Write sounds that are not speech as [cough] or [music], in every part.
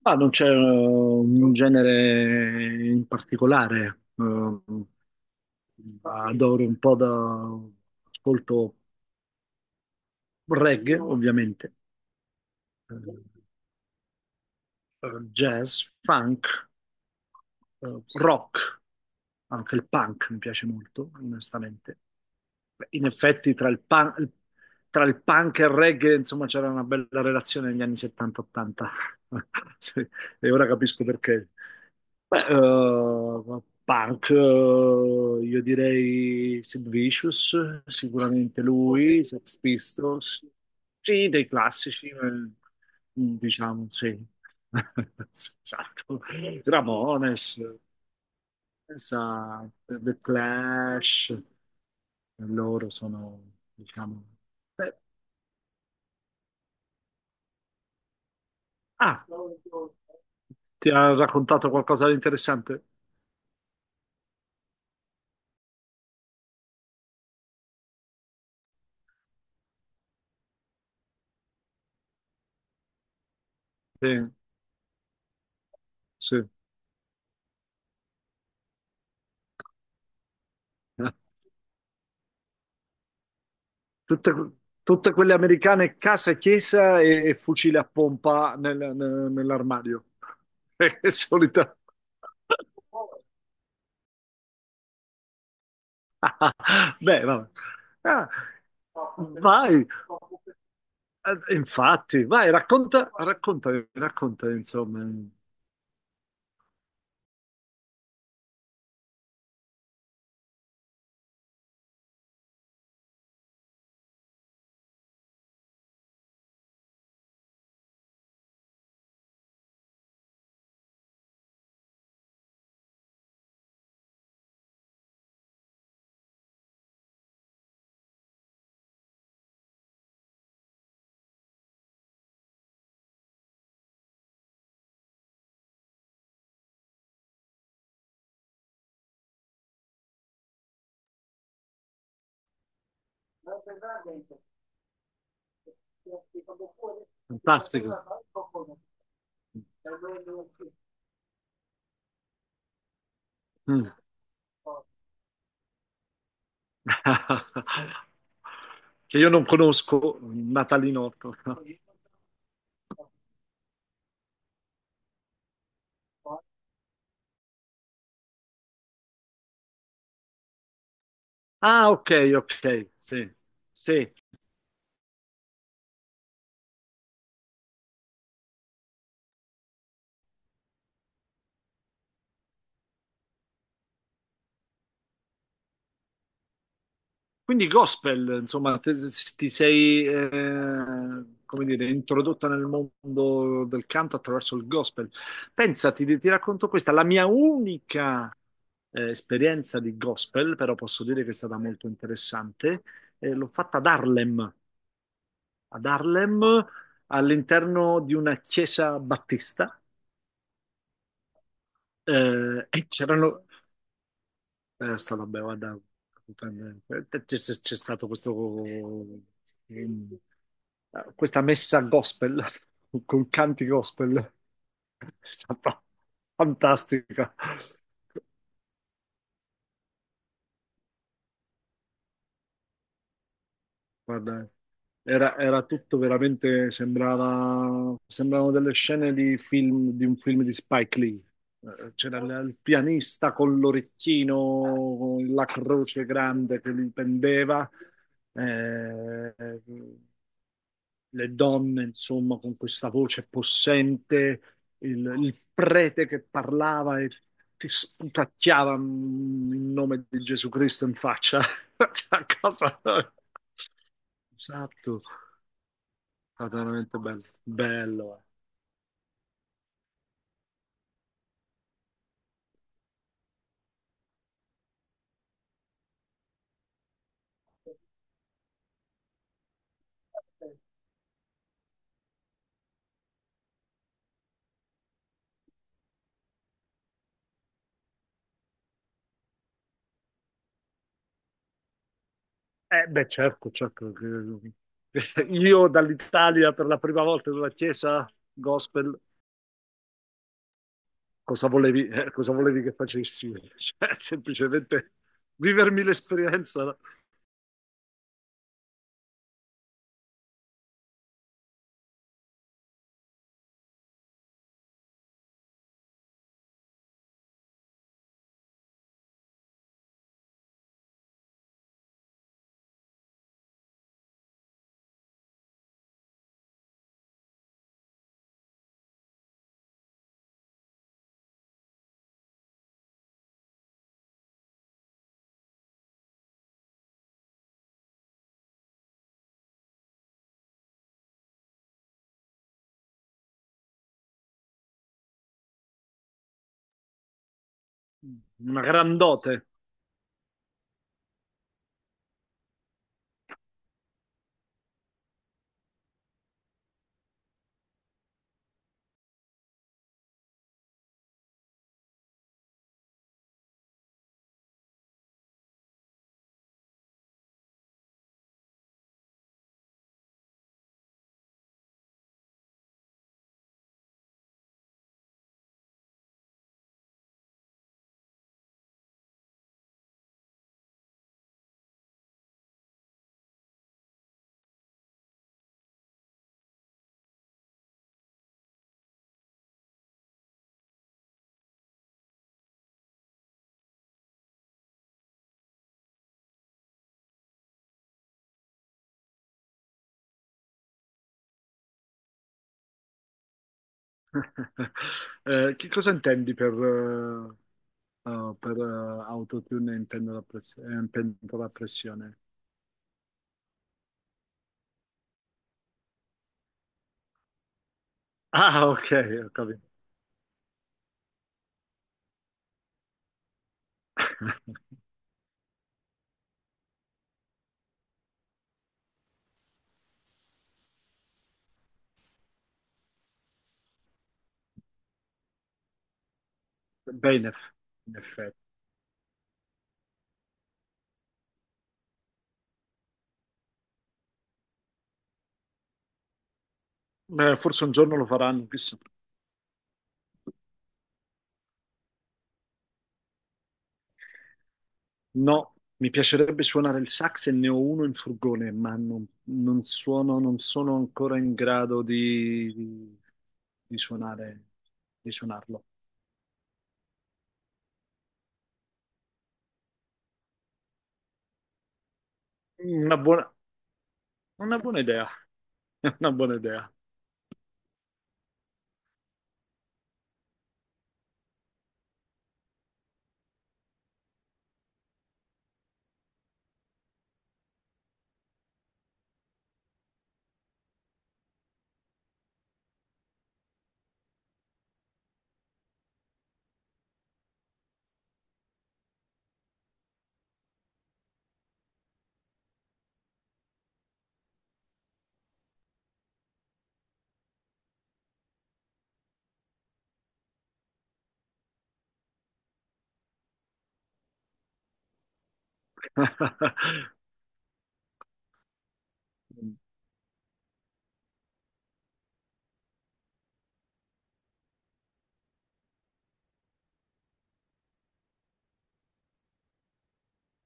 Ma non c'è un genere in particolare, adoro un po' da ascolto reggae, ovviamente, eh, eh, jazz, funk, rock, anche il punk mi piace molto, onestamente. Beh, in effetti tra il punk e il reggae, insomma, c'era una bella relazione negli anni 70-80 [laughs] e ora capisco perché. Beh, punk, io direi Sid Vicious, sicuramente lui, Sex Pistols, sì, dei classici, diciamo, sì. [laughs] Esatto. Ramones, pensa, The Clash, loro sono, diciamo... eh, ah, ti ha raccontato qualcosa di interessante? Sì, sì. Tutte, tutte quelle americane casa e chiesa e fucile a pompa nell'armadio. [laughs] È solita. [laughs] Beh, vabbè. Ah, vai. Infatti, vai, racconta, racconta, racconta, insomma, è fantastico. Mm. [laughs] Che io non conosco, Natalino. [laughs] Ah, ok, ok, sì, sì. Quindi gospel, insomma, ti sei, come dire, introdotta nel mondo del canto attraverso il gospel. Pensati, ti racconto questa, la mia unica esperienza di gospel, però posso dire che è stata molto interessante, l'ho fatta ad Harlem all'interno di una chiesa battista e c'erano. Sta vabbè, guarda, c'è stato questo, ehm, questa messa gospel, [laughs] con canti gospel, è stata fantastica. Guarda, era tutto veramente, sembravano delle scene di film, di un film di Spike Lee. C'era il pianista con l'orecchino, con la croce grande che gli pendeva. Eh, le donne, insomma, con questa voce possente, il prete che parlava e ti sputacchiava il nome di Gesù Cristo in faccia. [laughs] Cioè, cosa... Esatto, è stato veramente bello. Bello. Eh, beh, certo, certo, che... [laughs] Io dall'Italia per la prima volta nella chiesa gospel, cosa volevi che facessi? [laughs] Cioè, semplicemente vivermi l'esperienza, no? Una grandote. [laughs] Che cosa intendi per autotune in pentola a in pentola a pressione? Ah, ok, ho capito. [laughs] Beh, in effetti. Beh, forse un giorno lo faranno, chissà. No, mi piacerebbe suonare il sax e ne ho uno in furgone, ma non suono, non sono ancora in grado di, di suonare, di suonarlo. Una buona, una buona idea, [laughs] una buona idea. [laughs]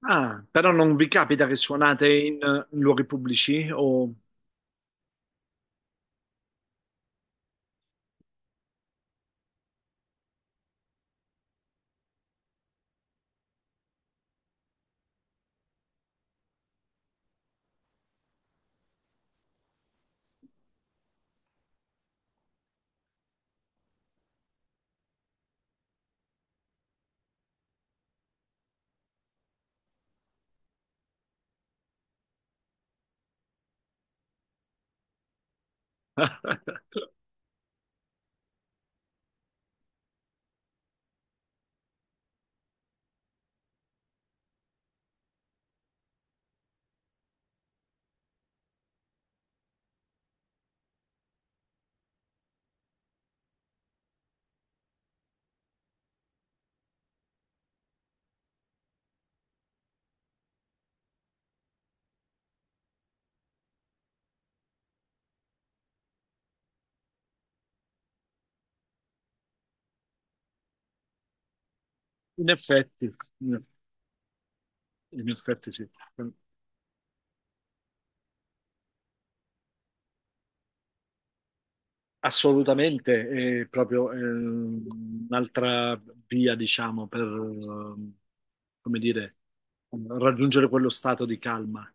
Ah, però non vi capita che suonate in, in luoghi pubblici? O... [laughs] In effetti, in effetti sì, assolutamente, è proprio un'altra via, diciamo, per, come dire, raggiungere quello stato di calma.